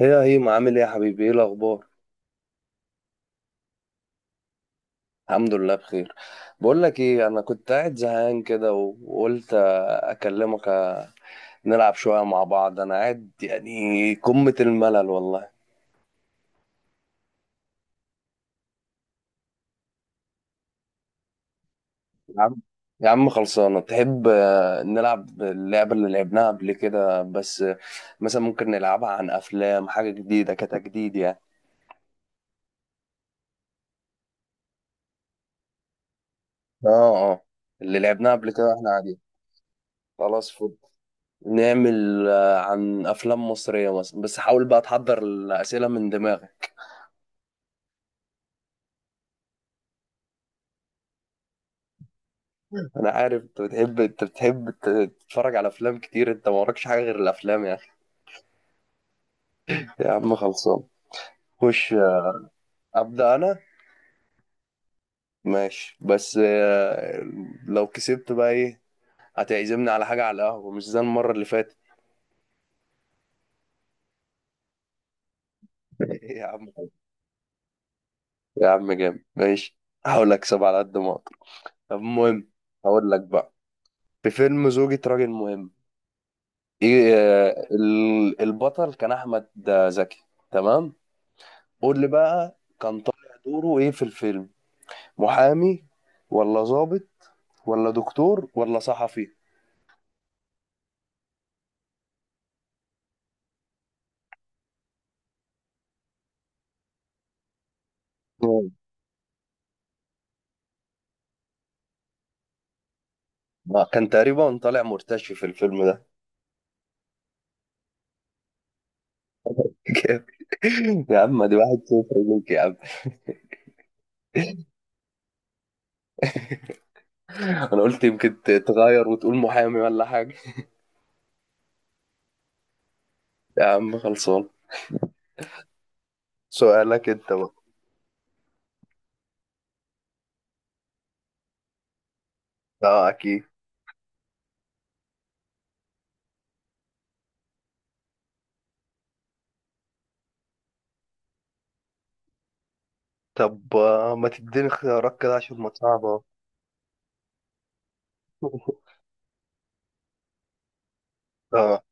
هي ما عامل ايه يا حبيبي؟ ايه الاخبار؟ الحمد لله بخير. بقول لك ايه، انا كنت قاعد زهقان كده وقلت اكلمك نلعب شويه مع بعض. انا قاعد يعني قمه الملل والله. يا عم، خلصانه، تحب نلعب اللعبه اللي لعبناها قبل كده؟ بس مثلا ممكن نلعبها عن افلام، حاجه جديده كتجديد يعني. اه. اه اللي لعبناها قبل كده واحنا قاعدين. خلاص، فل. نعمل عن افلام مصريه مثلا، بس حاول بقى تحضر الاسئله من دماغك. انا عارف انت بتحب، تتفرج على افلام كتير، انت ما وراكش حاجه غير الافلام يا اخي. يا عم خلصان. خش، ابدا انا. ماشي بس لو كسبت بقى ايه؟ هتعزمني على حاجه، على القهوه، مش زي المره اللي فاتت. يا عم، جامد. ماشي، هحاول اكسب على قد ما اقدر. طب المهم، هقول لك بقى. في فيلم زوجة راجل مهم، ايه البطل كان احمد زكي. تمام. قول لي بقى كان طالع دوره ايه في الفيلم؟ محامي، ولا ضابط، ولا دكتور، ولا صحفي؟ مم. كان تقريبا طالع مرتشي في الفيلم ده. جامد. يا عم، دي واحد صفر ليك يا عم. انا قلت يمكن تغير وتقول محامي ولا حاجة. يا عم خلصان، سؤالك انت بقى. اه اكيد. طب ما تديني اختيارات كده عشان ما تصعبها. اه.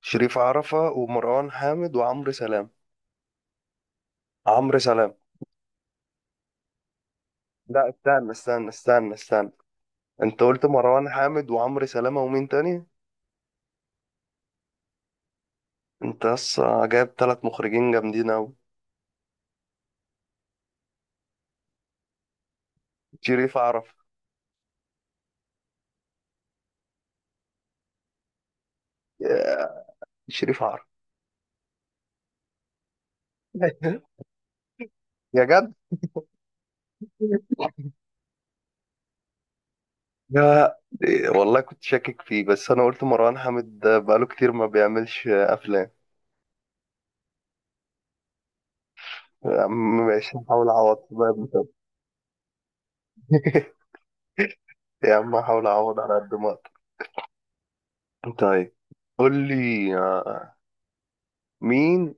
شريف عرفة ومروان حامد وعمرو سلام. عمرو سلام. لا، استنى، انت قلت مروان حامد وعمرو سلامة ومين تاني؟ انت بس جايب ثلاث مخرجين جامدين اوي. شريف عرف. يا- شريف عرف. يا جد، يا والله كنت شاكك فيه، بس انا قلت مروان حامد ده بقاله كتير ما بيعملش افلام. يا عم ماشي، هحاول اعوض بقى بكده. يا عم، هحاول اعوض على قد ما اقدر. طيب، قول لي مين،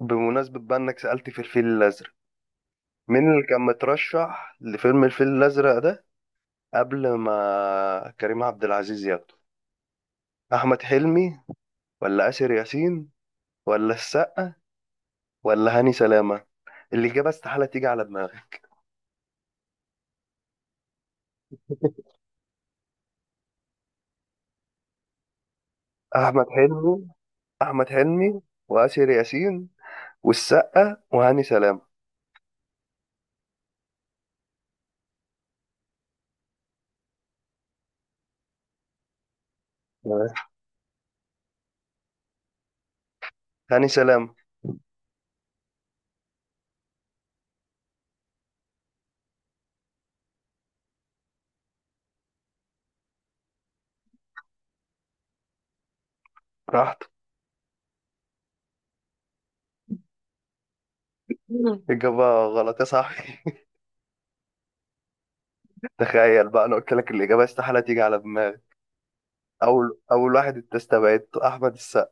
بمناسبة بقى انك سألت في الفيل الازرق، مين اللي كان مترشح لفيلم الفيل الازرق ده قبل ما كريم عبد العزيز ياخده؟ احمد حلمي، ولا آسر ياسين، ولا السقا، ولا هاني سلامة؟ الإجابة استحالة تيجي على دماغي. احمد حلمي. احمد حلمي وآسر ياسين والسقا وهاني سلامة. تمام. هاني سلامة راحت. مم. إجابة غلط يا صاحبي. تخيل بقى، أنا قلت لك الإجابة استحالة تيجي على دماغي. أول واحد أنت استبعدته أحمد السقا،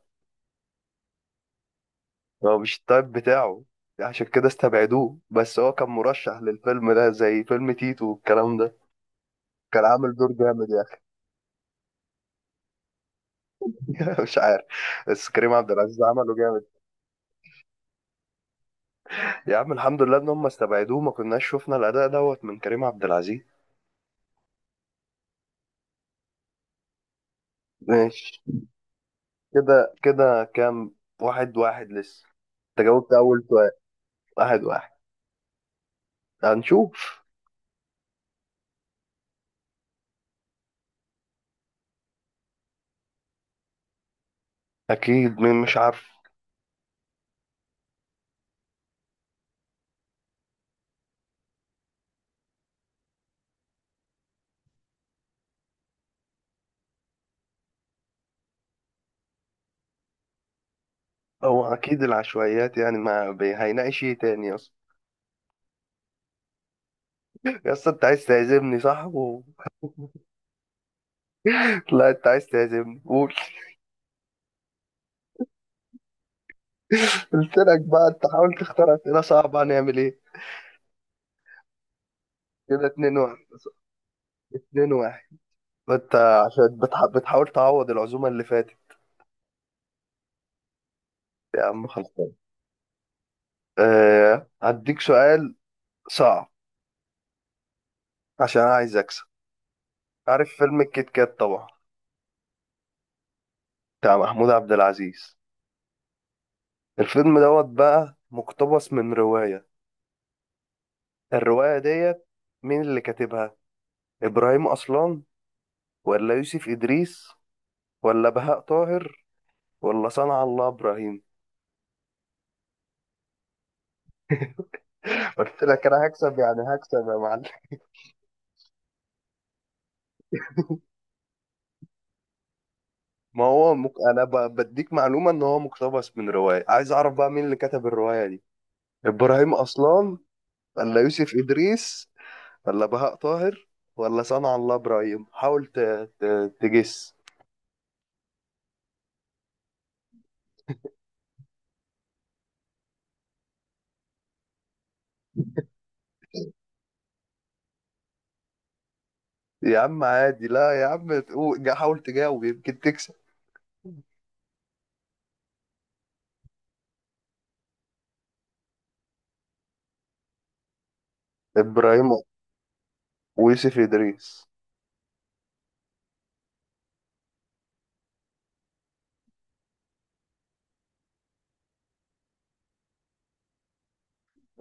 هو مش التايب بتاعه، عشان كده استبعدوه، بس هو كان مرشح للفيلم ده زي فيلم تيتو والكلام ده. كان عامل دور جامد يعني. مش عارف، بس كريم عبد العزيز عمله جامد. يا عم الحمد لله ان هم استبعدوه، ما كناش شفنا الاداء دوت من كريم عبد العزيز. ماشي. كده كده كام؟ واحد واحد لسه؟ انت جاوبت اول سؤال. واحد واحد. هنشوف. اكيد، مين مش عارف. او اكيد العشوائيات يعني، ما بي... هيناقش ايه تاني اصلا؟ يا اسطى انت عايز تعزمني صح لا انت عايز تعزمني، قول. قلت لك بقى انت حاول تختار اسئله صعبه، هنعمل ايه؟ كده اتنين واحد. اتنين واحد انت، عشان بتحاول تعوض العزومه اللي فاتت. يا عم خلصان. هديك سؤال صعب عشان أنا عايز اكسب. عارف فيلم الكيت كات طبعا، بتاع محمود عبد العزيز. الفيلم دوت بقى مقتبس من روايه، الروايه ديت مين اللي كاتبها؟ ابراهيم اصلان، ولا يوسف ادريس، ولا بهاء طاهر، ولا صنع الله ابراهيم؟ قلت لك انا هكسب يعني هكسب يا معلم. ما هو مك... انا ب... بديك معلومه ان هو مقتبس من روايه، عايز اعرف بقى مين اللي كتب الروايه دي. ابراهيم اصلان، ولا يوسف ادريس، ولا بهاء طاهر، ولا صنع الله ابراهيم. حاول ت... تجس. يا عم عادي، لا يا عم، حاول تجاوب يمكن تكسب. ابراهيم ويوسف ادريس.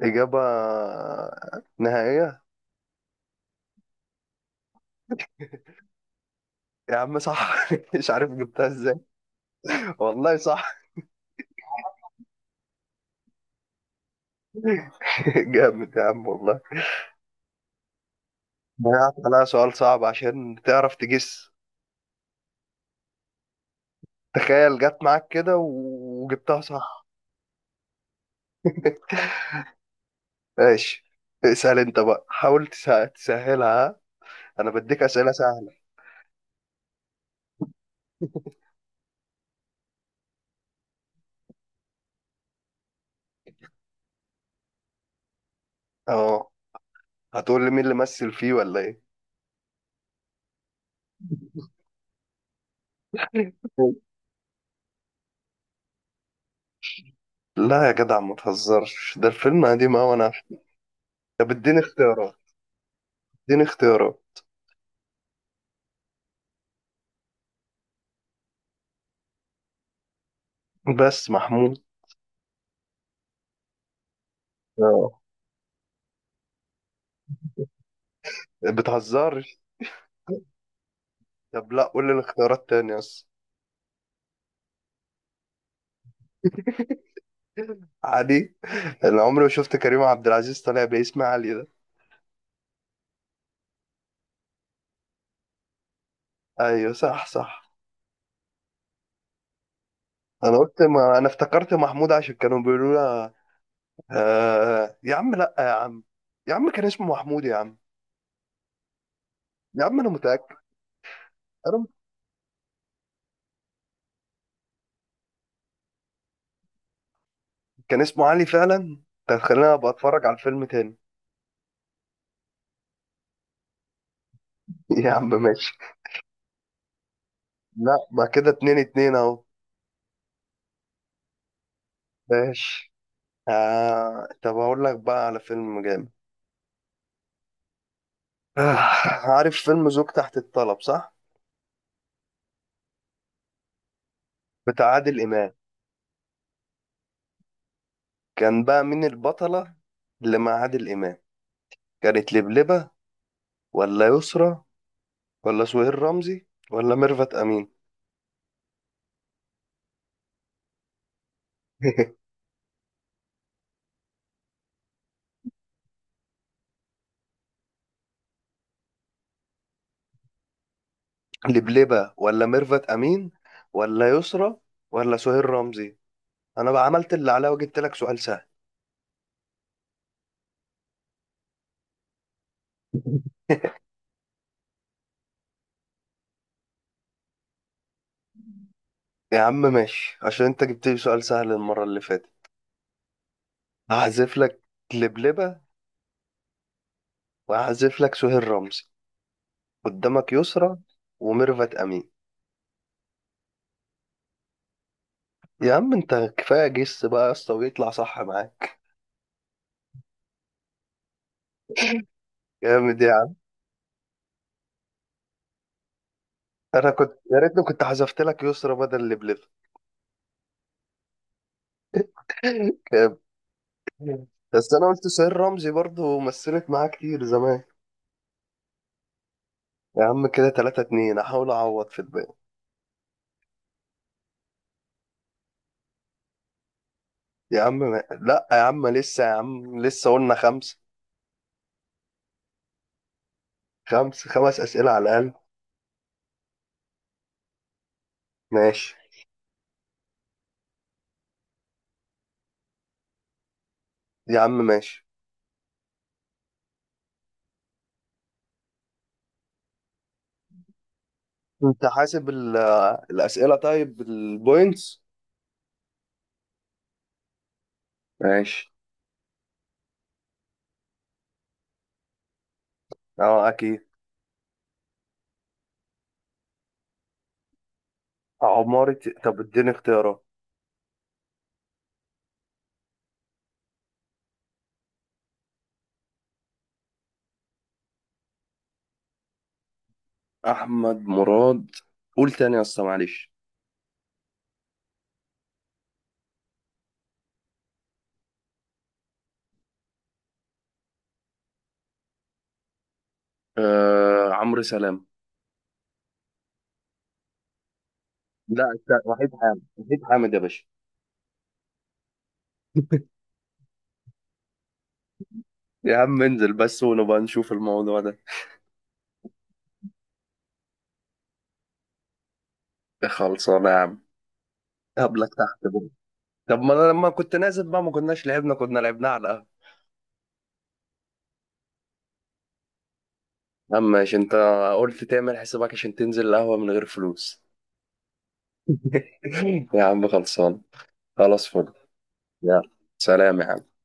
اجابه نهائيه. يا عم صح. مش عارف جبتها ازاي. والله صح. جامد يا عم والله. ضيعت عليها سؤال صعب عشان تعرف تجس. تخيل جت معاك كده وجبتها صح. ماشي. اسأل انت بقى، حاول تسهلها، ها؟ انا بديك اسئلة سهلة. اه. هتقول لي مين اللي مثل فيه ولا ايه؟ لا يا جدع ما تهزرش، ده الفيلم قديم اوي، انا عارف. طب اديني اختيارات، اديني اختيارات بس. محمود. اه. بتهزرش. طب لا، قول لي الاختيارات تاني بس. عادي، انا عمري ما شفت كريم عبد العزيز طالع باسم علي ده. ايوه صح، انا قلت، ما انا افتكرت محمود عشان كانوا بيقولوا لها يا عم لا يا عم، كان اسمه محمود يا عم. يا عم انا متاكد. أنا... كان اسمه علي فعلا، انت هتخليني ابقى اتفرج على الفيلم تاني. يا عم ماشي. لا ما كده اتنين اتنين اهو. ماشي. طب اقول لك بقى على فيلم جامد. آه... عارف فيلم زوج تحت الطلب صح؟ بتاع عادل امام. كان بقى مين البطله اللي مع عادل امام؟ كانت لبلبه، ولا يسرى، ولا سهير رمزي، ولا ميرفت امين؟ لبلبة، ولا ميرفت أمين، ولا يسرى، ولا سهير رمزي؟ أنا بقى عملت اللي عليا وجبت لك سؤال سهل. يا عم ماشي، عشان أنت جبت لي سؤال سهل المرة اللي فاتت هحذف لك لبلبة، وهحذف لك سهير رمزي. قدامك يسرى وميرفت أمين. يا عم أنت كفاية جس بقى يا اسطى ويطلع صح معاك. جامد يا عم. أنا كنت، يا ريتني كنت حذفت لك يسرى بدل لبلبة. جامد. بس أنا قلت سهير رمزي برضه مثلت معاه كتير زمان. يا عم كده 3-2، احاول اعوض في الباقي. يا عم ما... لا يا عم لسه، يا عم لسه، قلنا خمسة. خمس أسئلة على الأقل. ماشي. يا عم ماشي. انت حاسب الأسئلة طيب بالبوينتس؟ ماشي. اه اكيد. عمارة. طب اديني اختيارات. احمد مراد. قول تاني يا اسطى معلش. عمرو سلام. لا أنت، وحيد حامد، يا باشا. يا عم انزل بس ونبقى نشوف الموضوع ده. خلصانة يا عم. قبلك تحت. طب ما انا لما كنت نازل بقى ما كناش لعبنا، كنا لعبناه على القهوة. اما عشان انت قلت تعمل حسابك عشان تنزل القهوة من غير فلوس. يا عم خلصان. خلاص فل. يلا، سلام يا عم.